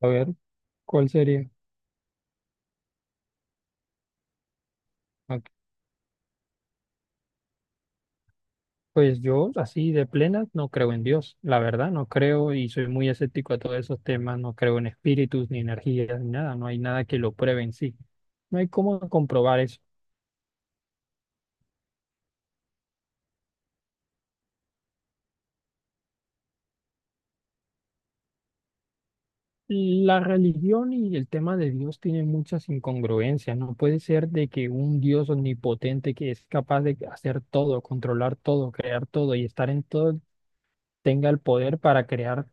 A ver, ¿cuál sería? Ah, pues yo, así de plenas, no creo en Dios. La verdad, no creo y soy muy escéptico a todos esos temas. No creo en espíritus, ni energías, ni nada. No hay nada que lo pruebe en sí. No hay cómo comprobar eso. La religión y el tema de Dios tienen muchas incongruencias. No puede ser de que un Dios omnipotente que es capaz de hacer todo, controlar todo, crear todo y estar en todo, tenga el poder para crear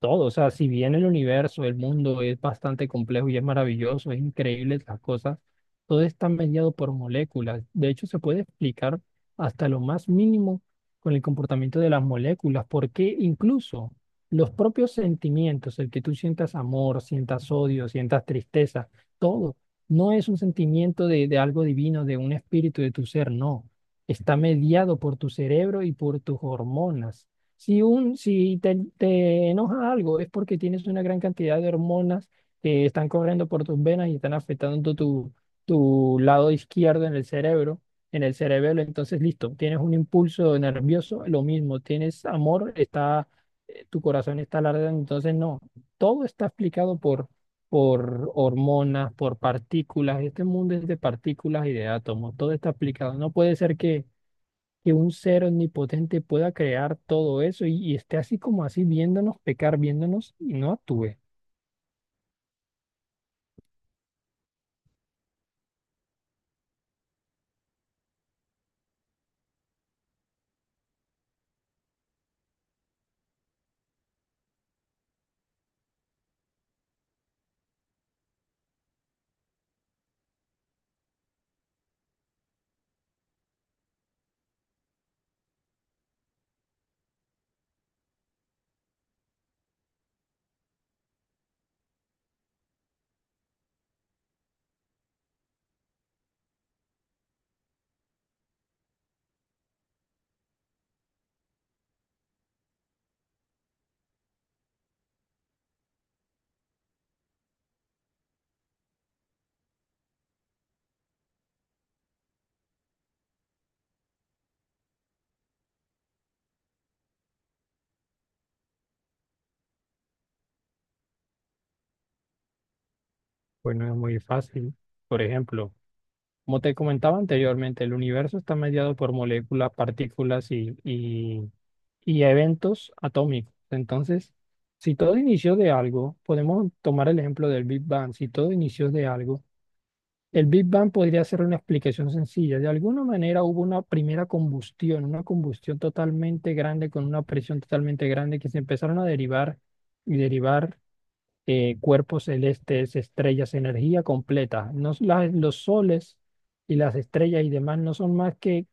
todo. O sea, si bien el universo, el mundo es bastante complejo y es maravilloso, es increíble las cosas, todo está mediado por moléculas. De hecho, se puede explicar hasta lo más mínimo con el comportamiento de las moléculas, porque incluso los propios sentimientos, el que tú sientas amor, sientas odio, sientas tristeza, todo, no es un sentimiento de algo divino, de un espíritu de tu ser, no. Está mediado por tu cerebro y por tus hormonas. Si, un, si te, te enoja algo es porque tienes una gran cantidad de hormonas que están corriendo por tus venas y están afectando tu, tu lado izquierdo en el cerebro, en el cerebelo. Entonces, listo, tienes un impulso nervioso, lo mismo, tienes amor, está, tu corazón está alardeando. Entonces, no, todo está explicado por hormonas, por partículas. Este mundo es de partículas y de átomos, todo está explicado. No puede ser que un ser omnipotente pueda crear todo eso y esté así como así viéndonos pecar, viéndonos y no actúe. Pues no es muy fácil. Por ejemplo, como te comentaba anteriormente, el universo está mediado por moléculas, partículas y eventos atómicos. Entonces, si todo inició de algo, podemos tomar el ejemplo del Big Bang, si todo inició de algo, el Big Bang podría ser una explicación sencilla. De alguna manera hubo una primera combustión, una combustión totalmente grande con una presión totalmente grande que se empezaron a derivar y derivar cuerpos celestes, estrellas, energía completa. No, los soles y las estrellas y demás no son más que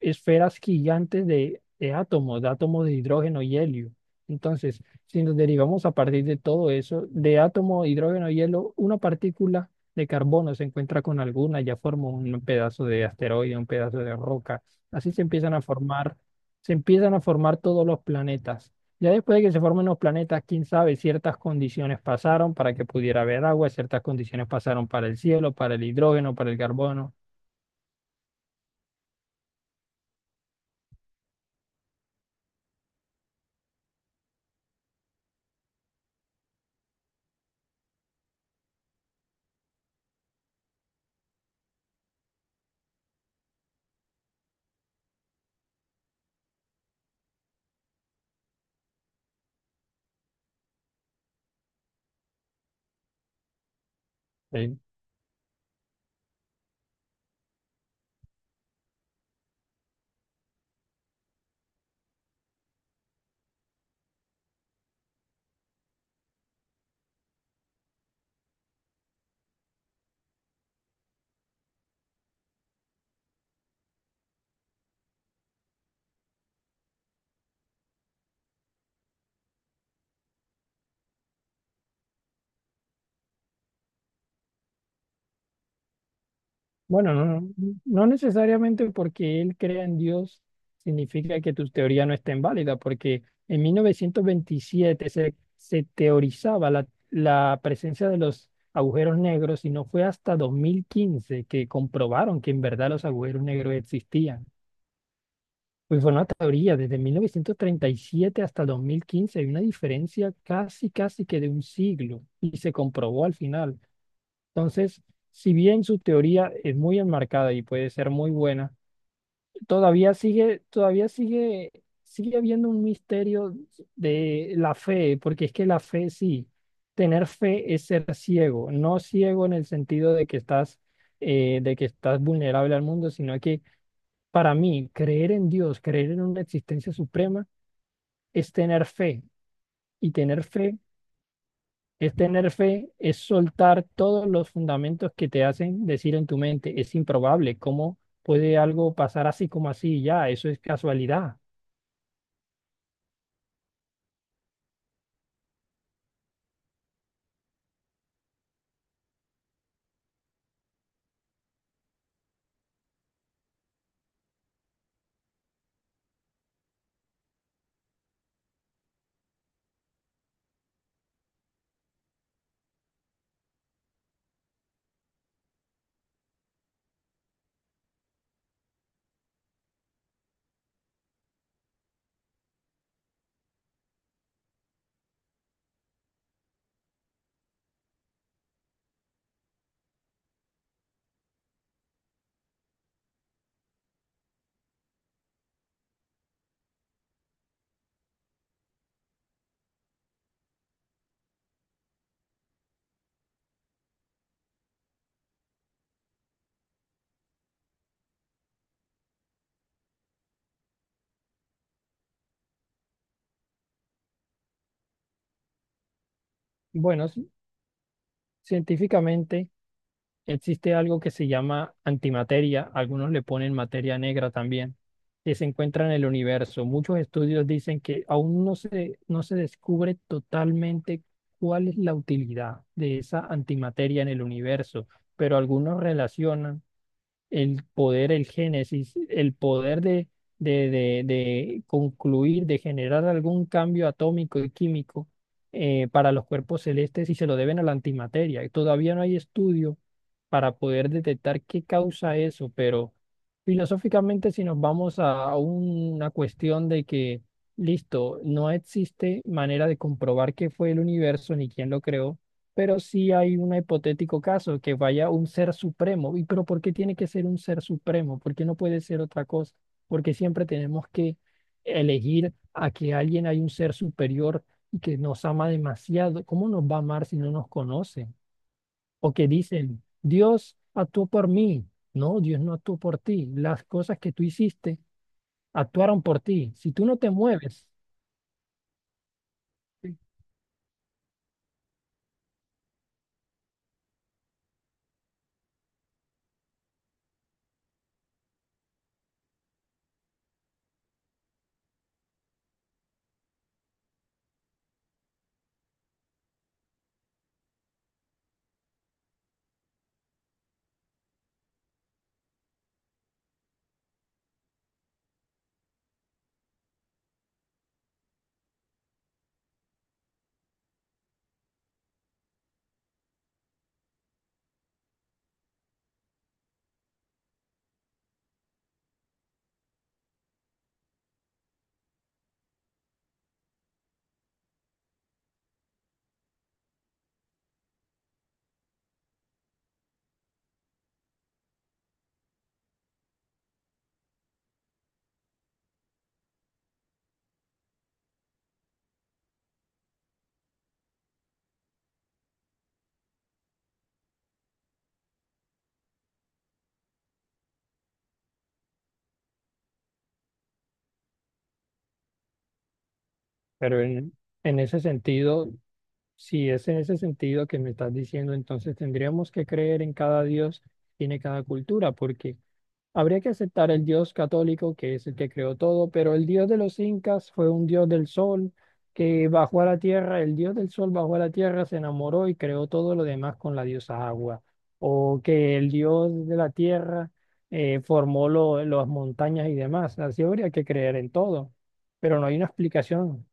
esferas gigantes de átomos, de átomos de hidrógeno y helio. Entonces, si nos derivamos a partir de todo eso, de átomo, hidrógeno y helio, una partícula de carbono se encuentra con alguna, ya forma un pedazo de asteroide, un pedazo de roca. Así se empiezan a formar, se empiezan a formar todos los planetas. Ya después de que se formen los planetas, quién sabe, ciertas condiciones pasaron para que pudiera haber agua, ciertas condiciones pasaron para el cielo, para el hidrógeno, para el carbono. Eh, Bueno, no necesariamente porque él crea en Dios significa que tu teoría no esté válida porque en 1927 se teorizaba la presencia de los agujeros negros y no fue hasta 2015 que comprobaron que en verdad los agujeros negros existían. Pues fue una teoría desde 1937 hasta 2015 hay una diferencia casi, casi que de un siglo y se comprobó al final. Entonces, si bien su teoría es muy enmarcada y puede ser muy buena, todavía sigue, todavía sigue, sigue habiendo un misterio de la fe, porque es que la fe sí, tener fe es ser ciego, no ciego en el sentido de que estás, de que estás vulnerable al mundo, sino que para mí creer en Dios, creer en una existencia suprema, es tener fe. Y tener fe Es tener fe, es soltar todos los fundamentos que te hacen decir en tu mente, es improbable, ¿cómo puede algo pasar así como así? Ya, eso es casualidad. Bueno, científicamente existe algo que se llama antimateria, algunos le ponen materia negra también, que se encuentra en el universo. Muchos estudios dicen que aún no se descubre totalmente cuál es la utilidad de esa antimateria en el universo, pero algunos relacionan el poder, el génesis, el poder de concluir, de generar algún cambio atómico y químico para los cuerpos celestes y se lo deben a la antimateria. Y todavía no hay estudio para poder detectar qué causa eso, pero filosóficamente si nos vamos a una cuestión de que, listo, no existe manera de comprobar qué fue el universo ni quién lo creó pero sí hay un hipotético caso que vaya un ser supremo. ¿Y pero por qué tiene que ser un ser supremo? ¿Por qué no puede ser otra cosa? Porque siempre tenemos que elegir a que alguien hay un ser superior y que nos ama demasiado. ¿Cómo nos va a amar si no nos conoce? O que dicen, Dios actuó por mí. No, Dios no actuó por ti. Las cosas que tú hiciste actuaron por ti. Si tú no te mueves, sí. pero en, en ese sentido, si es en ese sentido que me estás diciendo, entonces tendríamos que creer en cada Dios, que tiene cada cultura, porque habría que aceptar el Dios católico, que es el que creó todo, pero el Dios de los incas fue un Dios del sol que bajó a la tierra, el Dios del sol bajó a la tierra, se enamoró y creó todo lo demás con la diosa agua, o que el Dios de la tierra formó las montañas y demás. Así habría que creer en todo, pero no hay una explicación.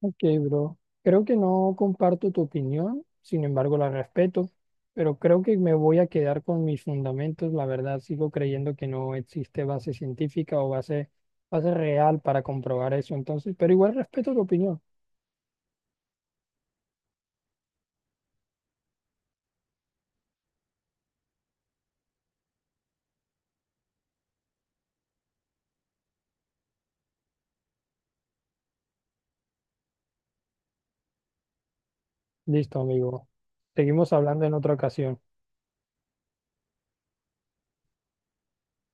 Ok, bro. Creo que no comparto tu opinión, sin embargo la respeto, pero creo que me voy a quedar con mis fundamentos. La verdad, sigo creyendo que no existe base científica o base, base real para comprobar eso. Entonces, pero igual respeto tu opinión. Listo, amigo. Seguimos hablando en otra ocasión.